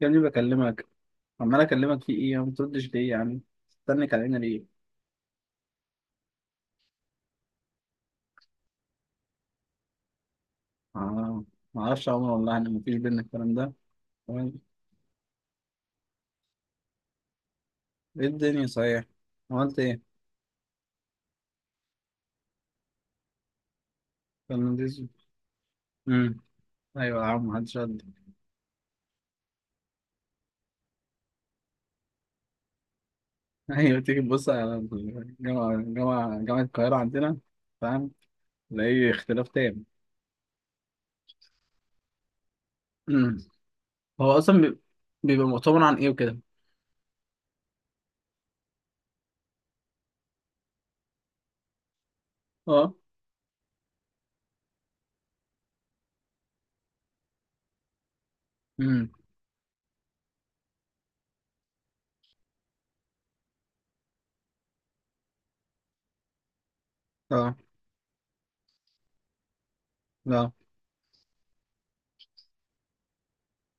يا ابني بكلمك. عمال اكلمك في ايه؟ ما بتردش ليه يا عم؟ استنك علينا ليه؟ آه. ما اعرفش يا عمر والله ان مفيش بينا الكلام ده. تمام. ايه الدنيا صحيح؟ عملت ايه؟ فرنانديز. امم. ايوه يا عم، محدش رد. ايوه، تيجي تبص على الجامعه جامعه القاهره عندنا، فاهم؟ تلاقي اختلاف تام. امم. هو اصلا بيبقى مؤتمر عن ايه وكده؟ اه. امم. اه. لا،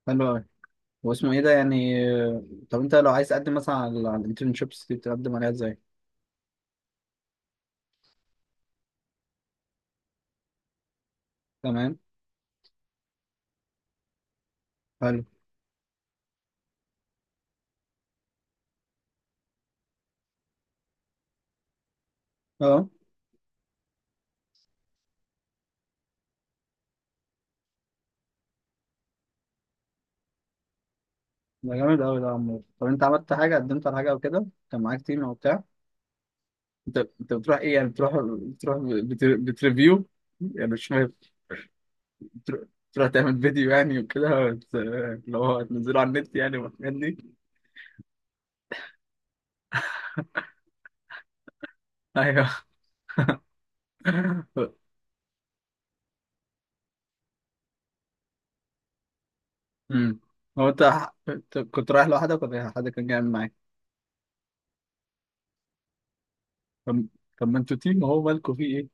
حلو أوي. واسمه ايه ده يعني؟ طب انت لو عايز تقدم مثلا على الانترنشيبس دي، بتقدم عليها ازاي؟ تمام. حلو. اه، ده جامد قوي ده يا عمور. طب انت عملت حاجه؟ قدمت على حاجه او كده؟ كان معاك تيم او بتاع؟ انت بتروح ايه يعني؟ بتريفيو يعني؟ مش فاهم. بتروح... بتروح تعمل فيديو يعني، وكده اللي هو تنزله على النت يعني والحاجات دي؟ ايوه. امم. هو انت كنت رايح لوحدك ولا إيه؟ حد كان جاي معاك؟ طب طب ما انتوا تيم، هو مالكوا فيه ايه؟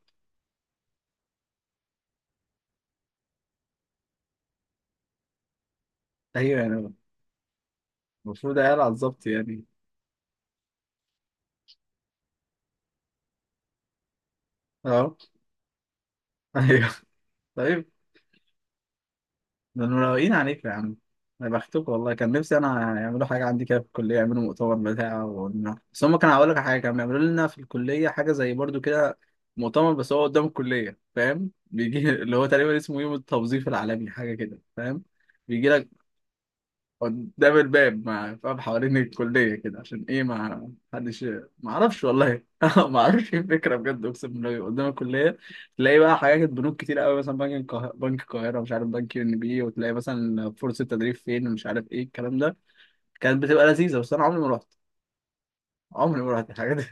ايوه يعني. المفروض عيال على الظبط يعني. اه. ايوه. طيب. ده انا مروقين عليكم يا عم. انا بختكم والله، كان نفسي انا يعملوا حاجه عندي كده في الكليه، يعملوا مؤتمر بتاع ونروح. بس هم كانوا، هقول لك على حاجه، كانوا بيعملوا لنا في الكليه حاجه زي برضو كده، مؤتمر، بس هو قدام الكليه، فاهم، بيجي اللي هو تقريبا اسمه يوم التوظيف العالمي، حاجه كده فاهم، بيجي لك قدام الباب مع فاهم، حوالين الكلية كده، عشان ايه؟ ما حدش. ما اعرفش والله. ما اعرفش ايه الفكرة بجد، اقسم بالله، قدام الكلية. تلاقي بقى حاجات بنوك كتير قوي، مثلا بنك القاهرة، مش عارف، بنك ان بي، وتلاقي مثلا فرصة تدريب فين، ومش عارف ايه الكلام ده. كانت بتبقى لذيذة، بس انا عمري ما رحت. عمري ما رحت الحاجات.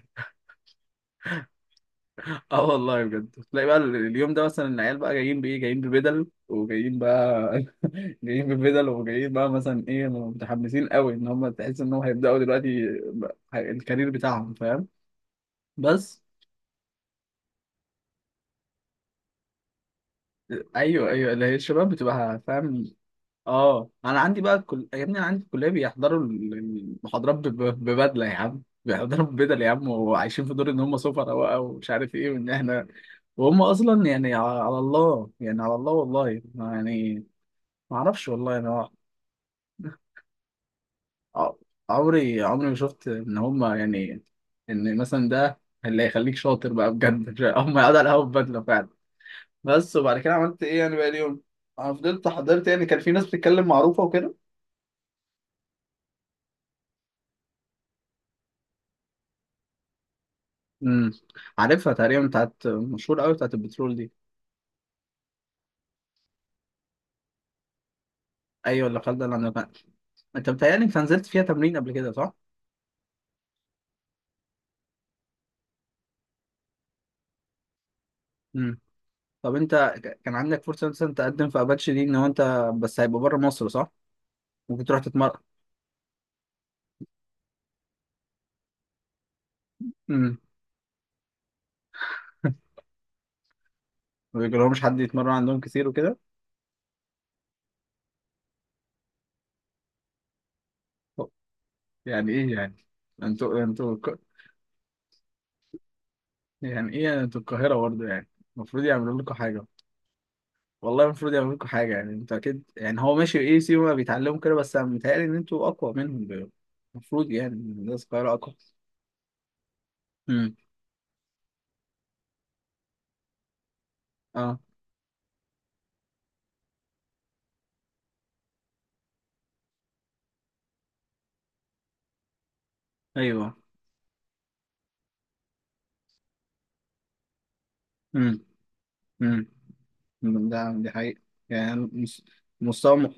اه والله بجد، تلاقي بقى اليوم ده مثلا، العيال بقى جايين بايه، جايين ببدل وجايين بقى، جايين ببدل وجايين بقى مثلا ايه، متحمسين قوي ان هم، تحس انهم هيبداوا دلوقتي بقى الكارير بتاعهم فاهم. بس. ايوه، ايوه، اللي هي الشباب بتبقى فاهم. اه، انا عندي بقى، كل يا ابني انا عندي في الكليه بيحضروا المحاضرات ببدله يا عم. بيحضروا ببدل يا عم، وعايشين في دور ان هم سفراء بقى، ومش عارف ايه، وان احنا. وهم اصلا يعني على الله يعني، على الله والله يعني. ما اعرفش والله انا. ع- عمري ما شفت ان هما يعني، ان مثلا ده اللي هيخليك شاطر بقى بجد. هما يقعدوا على القهوه بدله فعلا. بس، وبعد كده عملت ايه يعني بقى اليوم؟ انا فضلت حضرت يعني، كان في ناس بتتكلم معروفه وكده. امم. عارفها تقريبا، بتاعت مشهور قوي، بتاعت البترول دي. ايوه، اللي خالده اللي عندها فقر. انت بتهيألي انت نزلت فيها تمرين قبل كده، صح؟ امم. طب انت كان عندك فرصه مثلا تقدم في اباتشي دي، ان هو انت بس هيبقى بره مصر، صح؟ ممكن تروح تتمرن. ما بيجيلهمش حد يتمرن عندهم كتير وكده. طب، يعني ايه يعني؟ انتوا، يعني ايه يعني؟ انتوا القاهرة برضه يعني، المفروض يعملوا لكم حاجة. والله المفروض يعملوا لكم حاجة يعني، انتوا اكيد يعني، هو ماشي ايه سيما بيتعلموا كده، بس انا متهيألي ان انتوا اقوى منهم. المفروض يعني الناس القاهرة اقوى. امم. اه. ايوه. امم. امم. ده دي حقيقة. يعني مستوى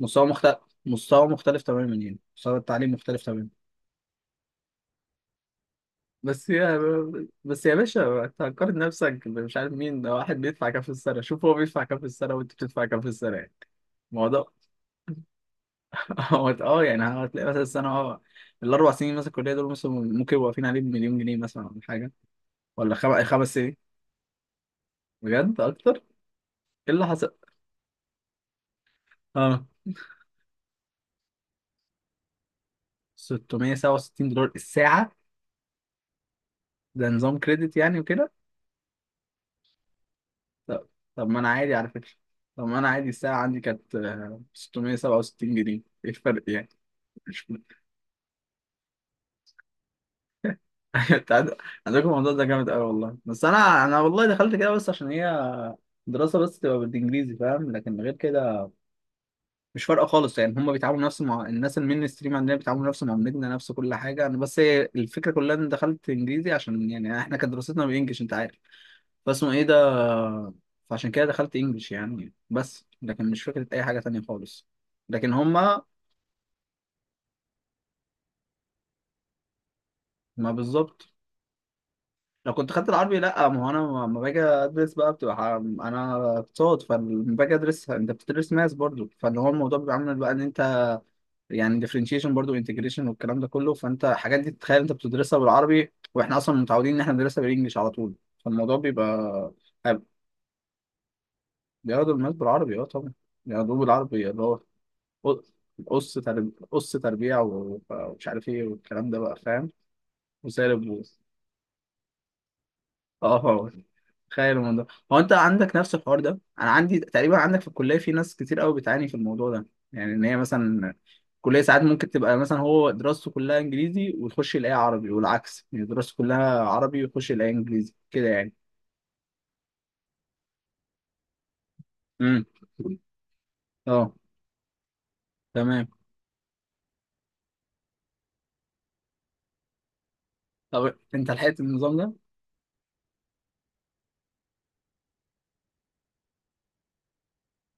مستوى مختلف مستوى مختلف تماما يعني. مستوى التعليم مختلف تماما. بس يا بس يا باشا، انت هتقارن نفسك مش عارف مين ده، واحد بيدفع كام في السنة، شوف هو بيدفع كام في السنة، وانت بتدفع كام في السنة يعني. الموضوع هو اه يعني، هتلاقي مثلا السنة اه، الأربع سنين مثلا الكلية دول مثلا ممكن يبقوا واقفين عليه بمليون جنيه مثلا، ولا حاجة. ولا 5 سنين. بجد أكتر. إيه اللي حصل؟ اه، 667 دولار الساعة. ده نظام كريدت يعني وكده؟ طب طب ما أنا عادي على فكرة. طب ما أنا عادي الساعة عندي كانت 667 جنيه. إيه الفرق يعني؟ أيوة، انت عندكم الموضوع ده جامد قوي والله. بس انا والله دخلت كده بس عشان هي دراسه بس تبقى بالانجليزي، فاهم؟ لكن غير كده مش فارقه خالص يعني، هم بيتعاملوا نفس مع... الناس المين ستريم عندنا، بيتعاملوا نفس معاملتنا نفس كل حاجه، انا بس هي الفكره كلها ان دخلت انجليزي عشان يعني احنا كانت دراستنا بالانجلش، انت عارف. فاسمه ايه ده. فعشان كده دخلت انجلش يعني، بس لكن مش فكره اي حاجه تانية خالص، لكن هم. ما بالظبط. لو كنت خدت العربي لا، ما هو انا لما باجي ادرس بقى بتبقى انا اقتصاد، فلما باجي ادرس انت بتدرس ماس برضو، فاللي هو الموضوع بيبقى عامل بقى ان انت يعني ديفرنشيشن برضو انتجريشن والكلام ده كله. فانت الحاجات دي تتخيل انت بتدرسها بالعربي، واحنا اصلا متعودين ان احنا بندرسها بالانجلش على طول، فالموضوع بيبقى. أب- بياخدوا الماس بالعربي، اه طبعا، بياخدوه بالعربي، اللي هو قص تربيع ومش عارف ايه والكلام ده بقى فاهم، وسالب، اه. فوت، تخيل الموضوع. هو انت عندك نفس الحوار ده؟ انا عندي تقريبا، عندك في الكليه في ناس كتير قوي بتعاني في الموضوع ده، يعني ان هي مثلا الكليه ساعات ممكن تبقى مثلا هو دراسته كلها انجليزي، وتخش يلاقيها عربي، والعكس يعني دراسته كلها عربي ويخش يلاقيها انجليزي كده يعني. امم. اه. تمام. طب انت لحقت النظام ده؟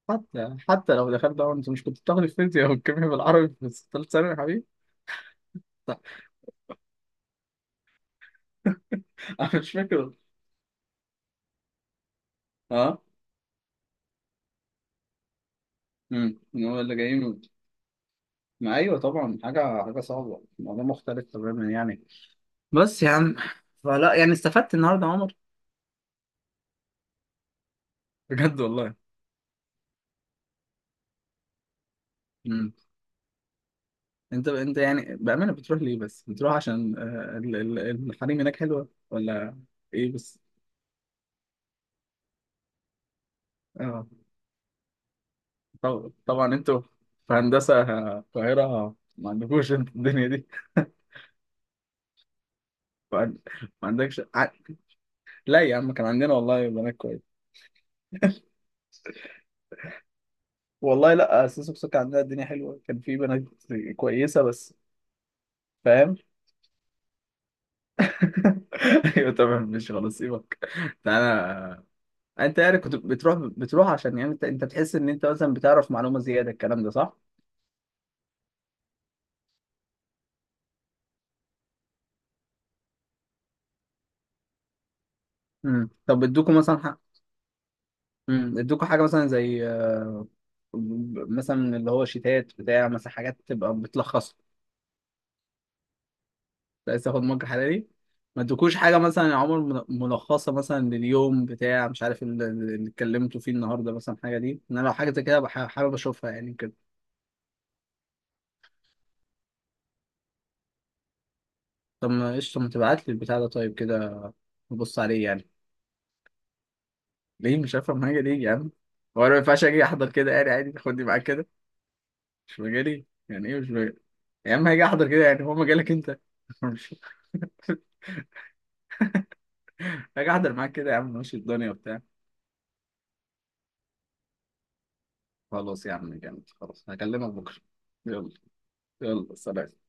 حتى لو دخلت ده انت مش كنت بتاخد الفيزياء والكيمياء بالعربي في ثالث ثانوي يا حبيبي؟ طب. انا مش فاكر. اه. امم. إن هو اللي جايين. ما ايوه طبعا، حاجه صعبه، الموضوع مختلف تماما يعني. بس يا عم. فلا يعني، استفدت النهارده يا عمر؟ بجد والله. امم. انت يعني بامانه، بتروح ليه بس؟ بتروح عشان الحريم هناك حلوه، ولا ايه؟ بس اه. طبعا، انتوا في هندسه القاهره ما عندكوش انتوا الدنيا دي. ما عند- ما عندكش لا يا عم، كان عندنا والله بنات كويس. والله لا، اساس بسكة عندنا الدنيا حلوه، كان في بنات كويسه بس فاهم. ايوه طبعا، مش هنصيبك. انا، انت يعني كنت بتروح بتروح عشان يعني انت بتحس ان انت مثلا بتعرف معلومه زياده الكلام ده، صح؟ امم. طب ادوكوا مثلا حاجه؟ امم. ادوكوا حاجه مثلا زي مثلا اللي هو شيتات بتاع مثلا حاجات تبقى بتلخص؟ عايز تاخد مج حراري؟ ما ادوكوش حاجه مثلا يا عمر، ملخصه مثلا لليوم بتاع، مش عارف اللي اتكلمتوا فيه النهارده مثلا، حاجه دي، ان انا لو حاجه زي كده حابب اشوفها يعني كده. طب ما قشطه، ما تبعت لي البتاع ده طيب كده. نبص عليه يعني، ليه مش هفهم حاجة ليه يا عم؟ هو أنا ما ينفعش أجي أحضر كده يعني؟ عادي، خدني معاك كده. مش مجالي، يعني إيه مش مجالي يا عم؟ هاجي أحضر كده يعني، هو مجالك أنت؟ مش هاجي أحضر معاك كده يا عم، ماشي الدنيا وبتاع. خلاص يا عم جامد، خلاص هكلمك بكرة. يلا. يلا سلام.